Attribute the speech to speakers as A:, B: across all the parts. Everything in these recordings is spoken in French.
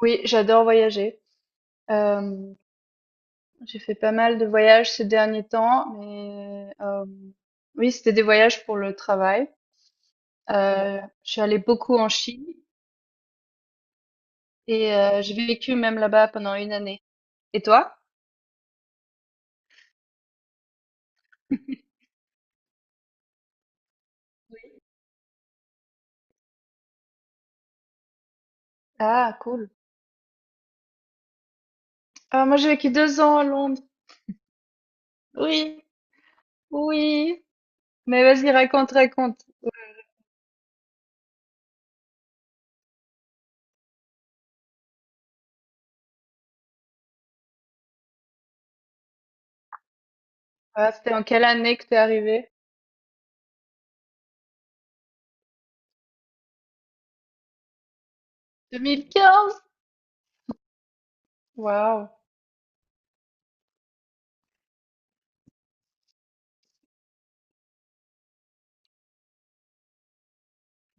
A: Oui, j'adore voyager. Hem, j'ai fait pas mal de voyages ces derniers temps, mais oui, c'était des voyages pour le travail. Heu, je suis allée beaucoup en Chine et j'ai vécu même là-bas pendant une année. Et toi? Ah, cool. Ah, moi, j'ai vécu 2 ans à Londres. Oui, oui. Mais vas-y, raconte, raconte. Ah, c'était en quelle année que tu es arrivée? 2015? Waouh.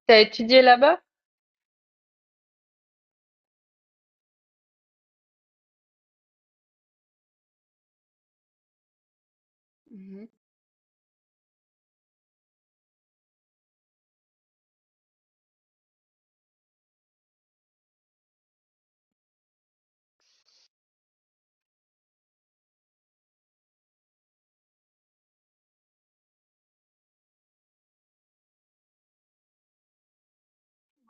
A: T'as étudié là-bas? Mmh.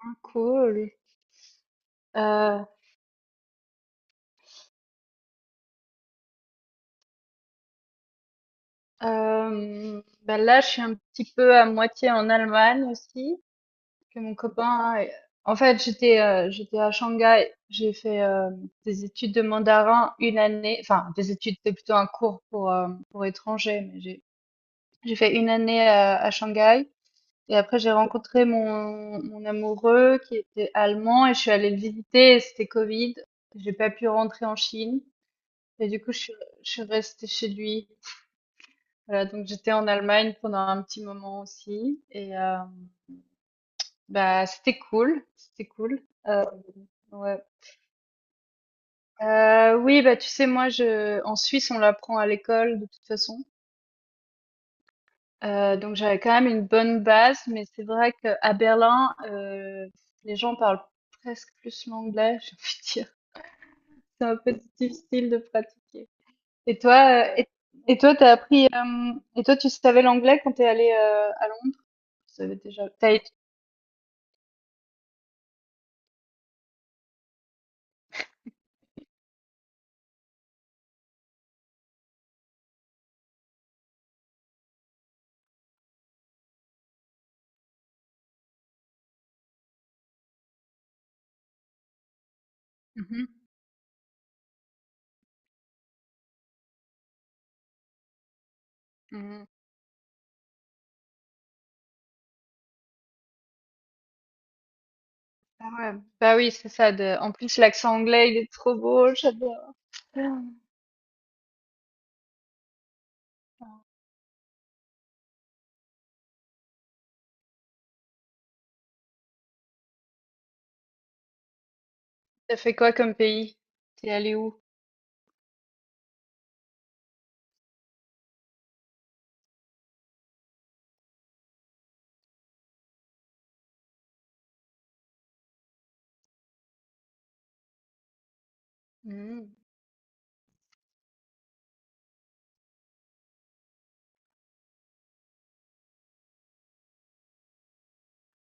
A: Ah, cool. Heu bah là, je suis un petit peu à moitié en Allemagne aussi, que mon copain. En fait, j'étais à Shanghai. J'ai fait des études de mandarin une année. Enfin, des études, c'était plutôt un cours pour étrangers, mais j'ai fait une année à Shanghai. Et après, j'ai rencontré mon amoureux qui était allemand et je suis allée le visiter. Et c'était Covid. J'ai pas pu rentrer en Chine et du coup, je suis restée chez lui. Voilà, donc j'étais en Allemagne pendant un petit moment aussi et bah c'était cool, c'était cool. Euh, ouais. Oui, bah tu sais, moi je en Suisse on l'apprend à l'école de toute façon. Donc j'avais quand même une bonne base, mais c'est vrai qu'à Berlin, les gens parlent presque plus l'anglais, j'ai envie de dire. C'est un peu difficile de pratiquer. Et toi, tu savais l'anglais quand t'es allé à Londres? Tu savais déjà, mhm, mhm. Ah ouais. Bah oui, c'est ça. De... En plus, l'accent anglais, il est trop beau, j'adore. T'as fait quoi comme pays? T'es allé où? Mhm.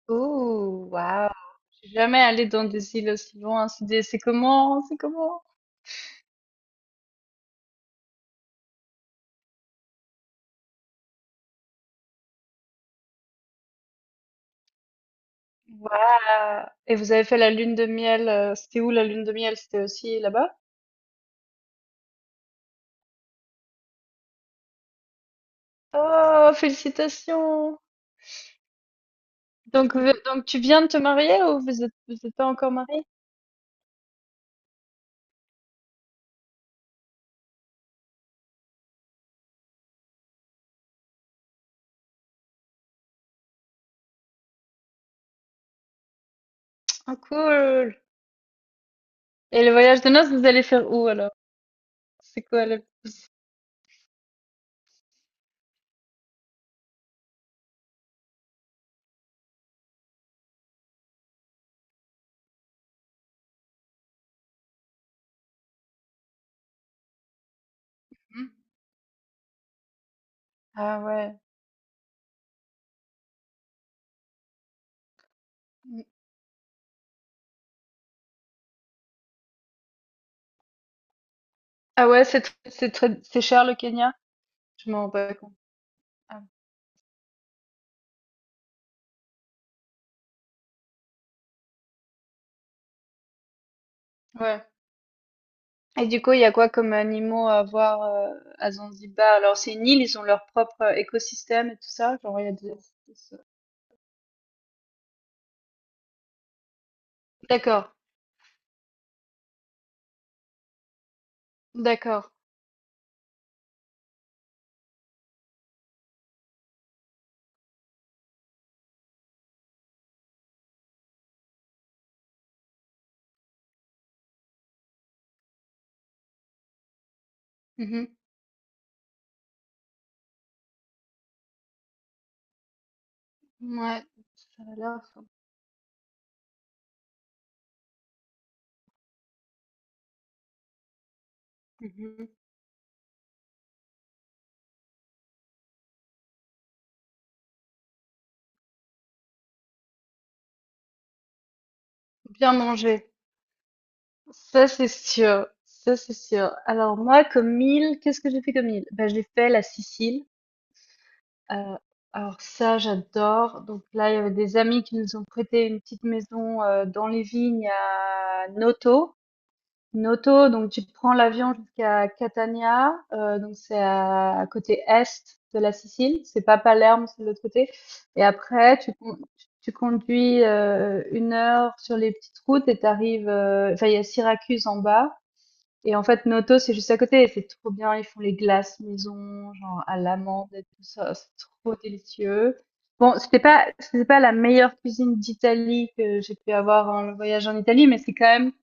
A: Oh, waouh. Je suis jamais allée dans des îles aussi loin. C'est comment? C'est comment? Waouh! Et vous avez fait la lune de miel, c'était où la lune de miel? C'était aussi là-bas? Oh, félicitations! Donc tu viens de te marier ou vous êtes pas encore mariés? Oh, cool! Et le voyage de noces, vous allez faire où alors? C'est quoi le... Hmm? Ah ouais. Hmm. Ah ouais, c'est tr- c'est très- C'est cher le Kenya? Je m'en rends pas compte. Ah, ouais. Et du coup, il y a quoi comme animaux à voir à Zanzibar? Alors, c'est une île, ils ont leur propre écosystème et tout ça. Genre, il y a des- d'accord, d'accord. Mhm. Ouais, ça a l'air mhm. Bien manger. Ça, c'est sûr. Ça, c'est sûr. Alors, moi, comme île, qu'est-ce que j'ai fait comme île? Ben, j'ai fait la Sicile. Euh, alors, ça, j'adore. Donc, là, il y avait des amis qui nous ont prêté une petite maison dans les vignes à Noto. Noto, donc tu prends l'avion jusqu'à Catania, donc c'est à côté est de la Sicile, c'est pas Palerme, c'est de l'autre côté et après tu conduis, 1 heure sur les petites routes et t'arrives. Arrives, enfin il y a Syracuse en bas et en fait Noto, c'est juste à côté et c'est trop bien, ils font les glaces maison, genre à l'amande et tout ça, c'est trop délicieux. Bon, c'était pas la meilleure cuisine d'Italie que j'ai pu avoir en voyage en Italie, mais c'est quand même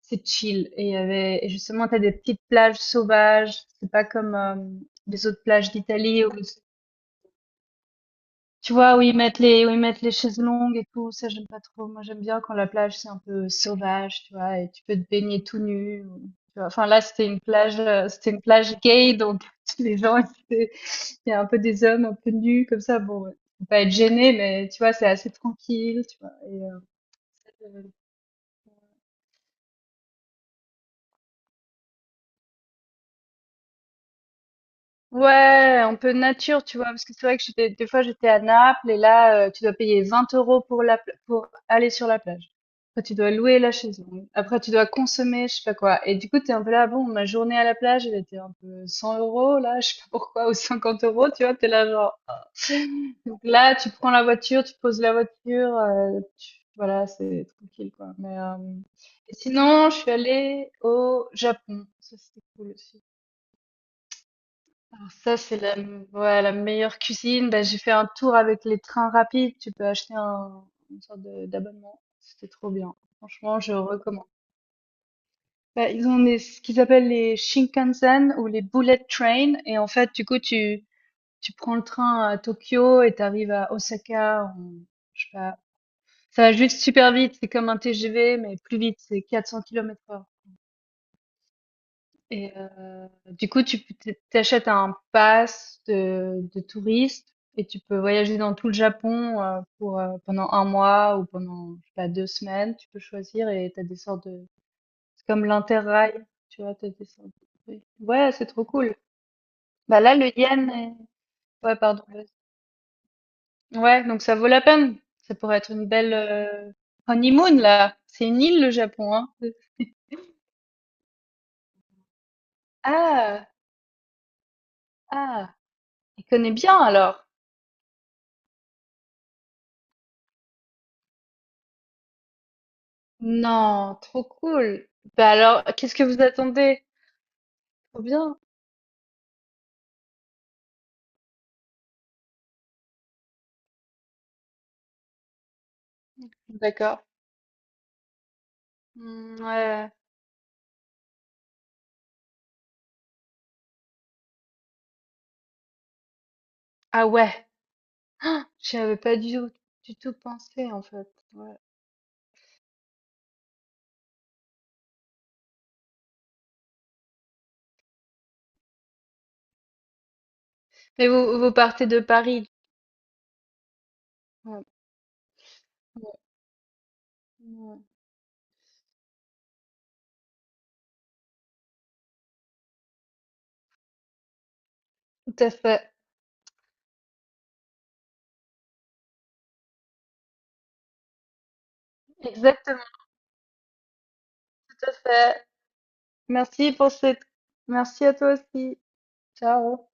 A: c'est chill. Et justement, t'as des petites plages sauvages. C'est pas comme les autres plages d'Italie tu vois, où ils mettent les chaises longues et tout. Ça, j'aime pas trop. Moi, j'aime bien quand la plage, c'est un peu sauvage, tu vois, et tu peux te baigner tout nu. Tu vois. Enfin, là, c'était une plage gay, donc les gens, étaient- il y a un peu des hommes un peu nus, comme ça. Bon, ouais. Faut pas être gêné, mais tu vois, c'est assez tranquille, tu vois. euh, Ouais, un peu nature, tu vois, parce que c'est vrai que j'étais, des fois j'étais à Naples et là, tu dois payer 20 € pour pour aller sur la plage. Après, tu dois louer la chaise longue. Après, tu dois consommer, je sais pas quoi. Et du coup, t'es un peu là, bon, ma journée à la plage, elle était un peu 100 euros, là, je sais pas pourquoi, ou 50 euros, tu vois, t'es là genre. Ah. Donc là, tu prends la voiture, tu poses la voiture, voilà, c'est tranquille, quoi. Mais, et sinon, je suis allée au Japon. Ça, c'était cool aussi. Alors ça, ouais, la meilleure cuisine. Ben, j'ai fait un tour avec les trains rapides. Tu peux une sorte d'abonnement. C'était trop bien. Franchement, je recommande. Ben, ce qu'ils appellent les Shinkansen ou les Bullet Train. Et en fait, du coup, tu prends le train à Tokyo et t'arrives à Osaka. Je sais pas. Ça va juste super vite. C'est comme un TGV, mais plus vite. C'est 400 km/h. Et du coup, t'achètes un pass de touriste et tu peux voyager dans tout le Japon pour pendant un mois ou pendant je sais pas 2 semaines. Tu peux choisir et t'as des sortes de c'est comme l'Interrail, tu vois, t'as des sortes de oui. Ouais, c'est trop cool. Bah là, le yen est... ouais, pardon. Vas-y. Ouais, donc ça vaut la peine. Ça pourrait être une belle honeymoon là. C'est une île le Japon, hein. Ah, ah, il connaît bien alors. Non, trop cool. Bah alors, qu'est-ce que vous attendez? Trop bien. D'accord. Hmm, ouais. Ah ouais. J'y avais pas du tout, du tout pensé en fait. Ouais. Mais vous, vous partez de Paris. Ouais, ouais, ouais. Tout à fait. Exactement, tout à fait. Merci pour cette. Merci à toi aussi. Ciao.